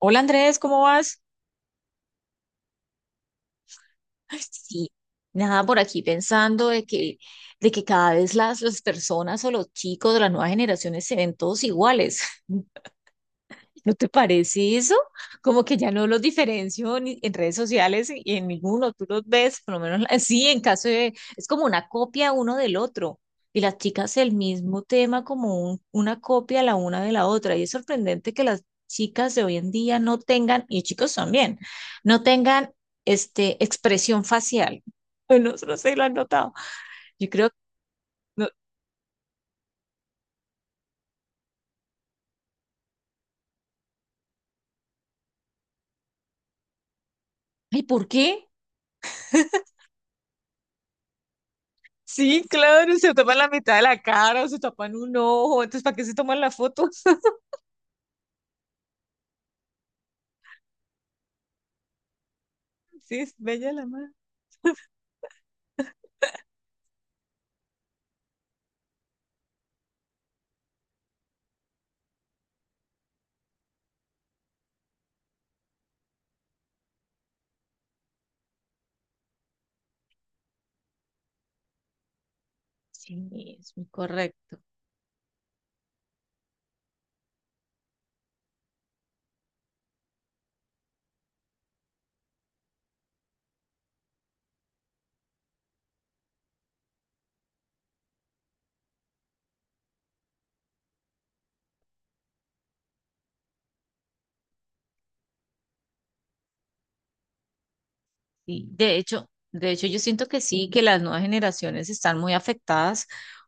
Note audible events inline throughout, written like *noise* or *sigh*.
Hola Andrés, ¿cómo vas? Ay, sí, nada por aquí pensando de que cada vez las personas o los chicos de las nuevas generaciones se ven todos iguales. ¿No te parece eso? Como que ya no los diferencio ni en redes sociales y en ninguno. Tú los ves, por lo menos *laughs* sí, en caso de... Es como una copia uno del otro. Y las chicas el mismo tema como una copia la una de la otra. Y es sorprendente que las chicas de hoy en día no tengan, y chicos también, no tengan expresión facial. *laughs* No, no sé si lo han notado. Yo creo... No, ¿y por qué? Sí, claro, se tapan la mitad de la cara o se tapan un ojo, entonces ¿para qué se toman las fotos? *laughs* Sí, es bella la madre. Sí, es muy correcto. Y de hecho, yo siento que sí, que las nuevas generaciones están muy afectadas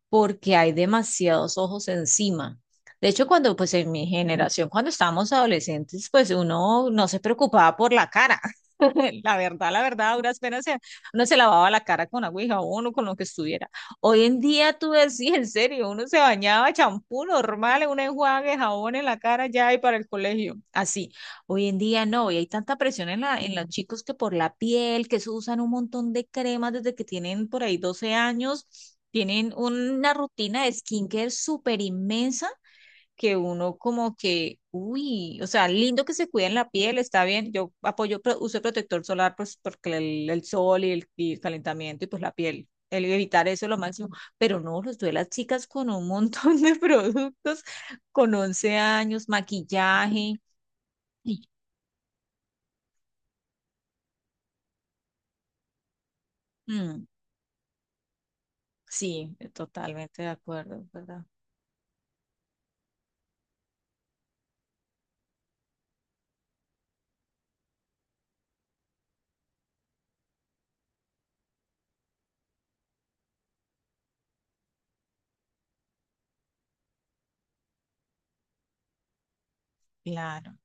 porque hay demasiados ojos encima. De hecho, cuando, pues en mi generación, cuando estábamos adolescentes, pues uno no se preocupaba por la cara. *laughs* La verdad, a duras penas uno se lavaba la cara con agua y jabón o con lo que estuviera. Hoy en día tú decís, en serio, uno se bañaba champú normal, un enjuague, jabón en la cara ya y para el colegio. Así. Hoy en día no, y hay tanta presión en la, en los chicos que por la piel, que se usan un montón de cremas desde que tienen por ahí 12 años, tienen una rutina de skincare súper inmensa que uno como que, uy, o sea, lindo que se cuiden la piel, está bien. Yo apoyo uso de protector solar pues porque el sol y el calentamiento y pues la piel, el evitar eso es lo máximo. Pero no, los veo a las chicas con un montón de *laughs* productos, con 11 años, maquillaje. Y, mm, sí, totalmente de acuerdo, ¿verdad? Claro.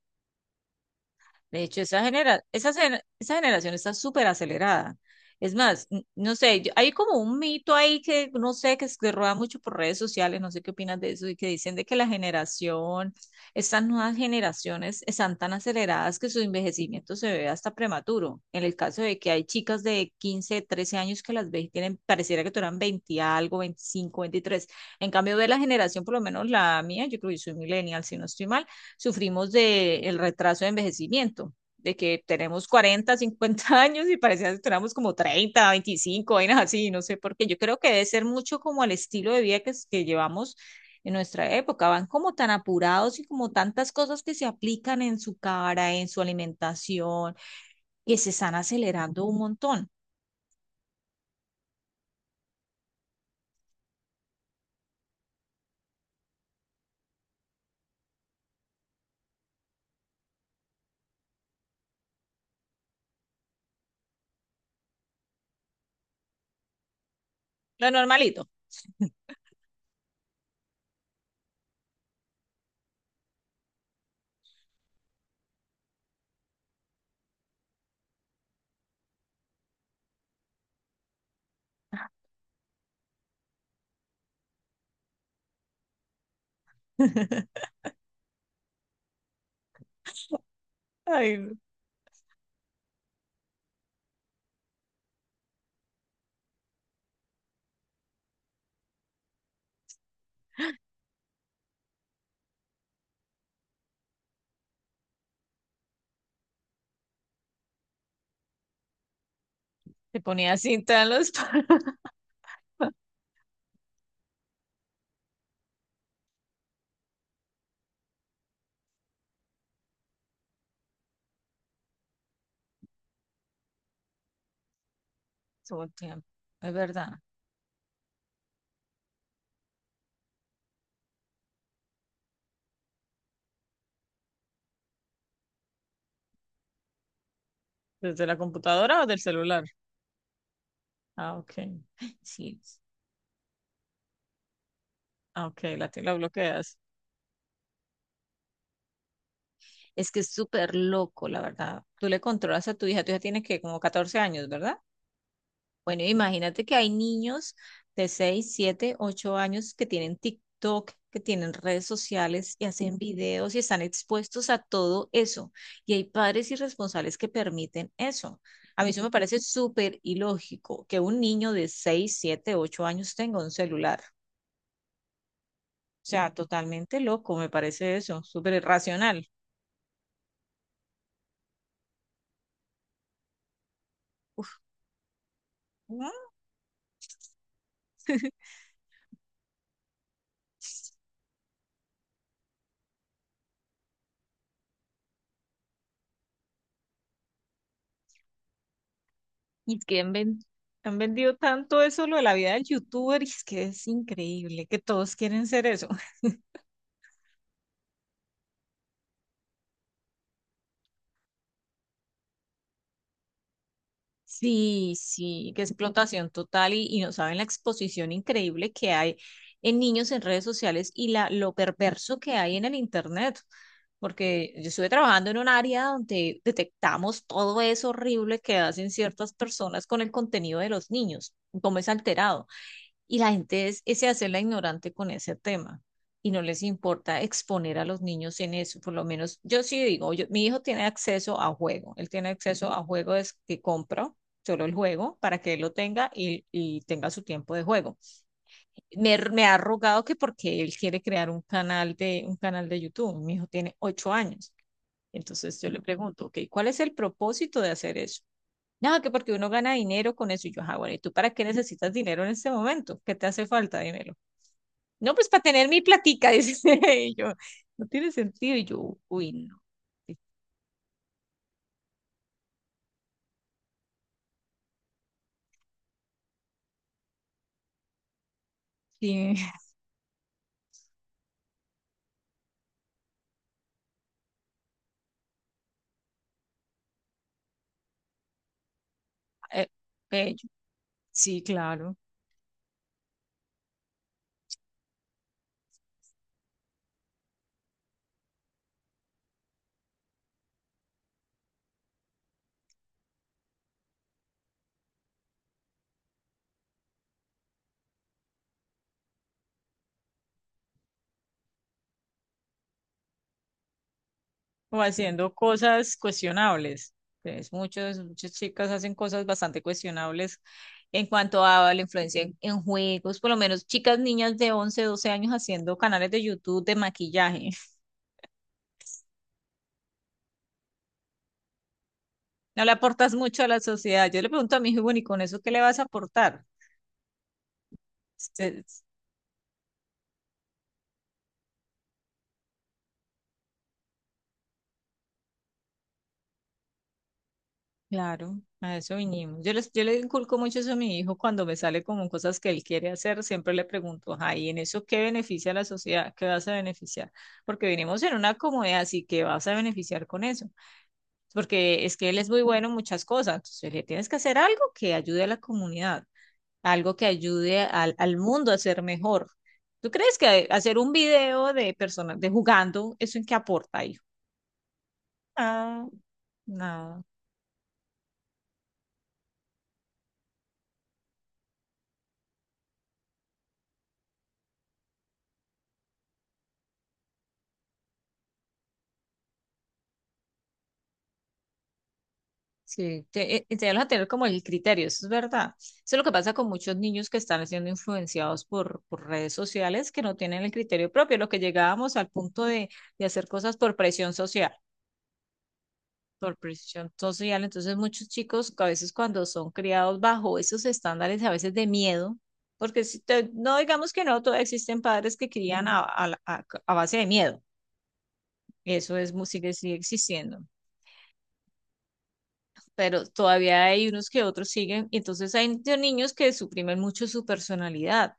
De hecho, esa generación está súper acelerada. Es más, no sé, hay como un mito ahí que no sé, que se rueda mucho por redes sociales, no sé qué opinas de eso, y que dicen de que la generación, estas nuevas generaciones están tan aceleradas que su envejecimiento se ve hasta prematuro. En el caso de que hay chicas de 15 13 años que las ves y tienen, pareciera que tuvieran 20 algo, 25 23. En cambio, ve la generación, por lo menos la mía, yo creo que soy millennial, si no estoy mal. Sufrimos del el retraso de envejecimiento, de que tenemos 40 50 *laughs* años y parecía que tenemos como 30 25 vainas así, no sé por qué. Yo creo que debe ser mucho como el estilo de vida que llevamos en nuestra época, van como tan apurados y como tantas cosas que se aplican en su cara, en su alimentación, que se están acelerando un montón. Lo normalito. *laughs* Ay, no. Se ponía cinta en los... *laughs* Todo el tiempo. Es verdad. ¿Desde la computadora o del celular? Ah, ok. *laughs* Sí. Ah, ok, la bloqueas. Es que es súper loco, la verdad. Tú le controlas a tu hija tiene que como 14 años, ¿verdad? Bueno, imagínate que hay niños de 6, 7, 8 años que tienen TikTok, que tienen redes sociales y hacen videos y están expuestos a todo eso. Y hay padres irresponsables que permiten eso. A mí eso me parece súper ilógico que un niño de 6, 7, 8 años tenga un celular. O sea, totalmente loco, me parece eso, súper irracional. Uf, ¿no? *laughs* Y es que han vendido tanto eso, lo de la vida del youtuber, y es que es increíble que todos quieren ser eso. *laughs* Sí, sí, que es explotación total y no saben la exposición increíble que hay en niños en redes sociales y la, lo perverso que hay en el internet. Porque yo estuve trabajando en un área donde detectamos todo eso horrible que hacen ciertas personas con el contenido de los niños, cómo es alterado. Y la gente es, se hace la ignorante con ese tema y no les importa exponer a los niños en eso. Por lo menos yo sí digo, mi hijo tiene acceso a juego, él tiene acceso a juego es que compro. Solo el juego para que él lo tenga y tenga su tiempo de juego. Me ha rogado que porque él quiere crear un canal de YouTube. Mi hijo tiene 8 años. Entonces yo le pregunto, ok, ¿cuál es el propósito de hacer eso? No, que porque uno gana dinero con eso. Y yo, ah, bueno, ¿y tú para qué necesitas dinero en este momento? ¿Qué te hace falta dinero? No, pues para tener mi platica, *laughs* dice. Y yo, no tiene sentido. Y yo, uy, no. Sí, *laughs* eh, bello. Sí, claro. O haciendo cosas cuestionables. Pues muchas, muchas chicas hacen cosas bastante cuestionables en cuanto a la influencia en juegos. Por lo menos chicas, niñas de 11 12 años haciendo canales de YouTube de maquillaje. No le aportas mucho a la sociedad. Yo le pregunto a mi hijo, bueno, ¿y con eso qué le vas a aportar? Este, claro, a eso vinimos. Yo le inculco mucho eso a mi hijo cuando me sale como cosas que él quiere hacer, siempre le pregunto, ay, ¿y en eso qué beneficia a la sociedad? ¿Qué vas a beneficiar? Porque venimos en una comunidad, así que vas a beneficiar con eso. Porque es que él es muy bueno en muchas cosas, entonces le tienes que hacer algo que ayude a la comunidad. Algo que ayude al, al mundo a ser mejor. ¿Tú crees que hacer un video de personas de jugando, eso en qué aporta, hijo? Ah, no. Sí, enseñarlos a tener como el criterio, eso es verdad. Eso es lo que pasa con muchos niños que están siendo influenciados por redes sociales que no tienen el criterio propio, lo que llegábamos al punto de hacer cosas por presión social. Por presión social. Entonces, muchos chicos que a veces cuando son criados bajo esos estándares, a veces de miedo, porque si no digamos que no, todavía existen padres que crían a base de miedo. Eso es, sigue, sigue existiendo. Pero todavía hay unos que otros siguen. Y entonces hay de niños que suprimen mucho su personalidad.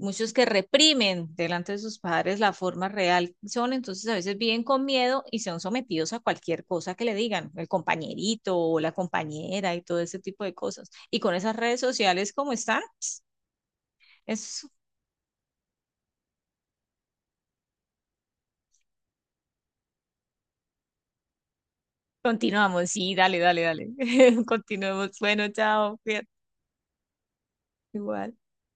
Muchos que reprimen delante de sus padres la forma real que son, entonces a veces viven con miedo y son sometidos a cualquier cosa que le digan, el compañerito o la compañera y todo ese tipo de cosas. Y con esas redes sociales como están, es... Continuamos, sí, dale, dale, dale, *laughs* continuemos, bueno, chao, cuídate, igual.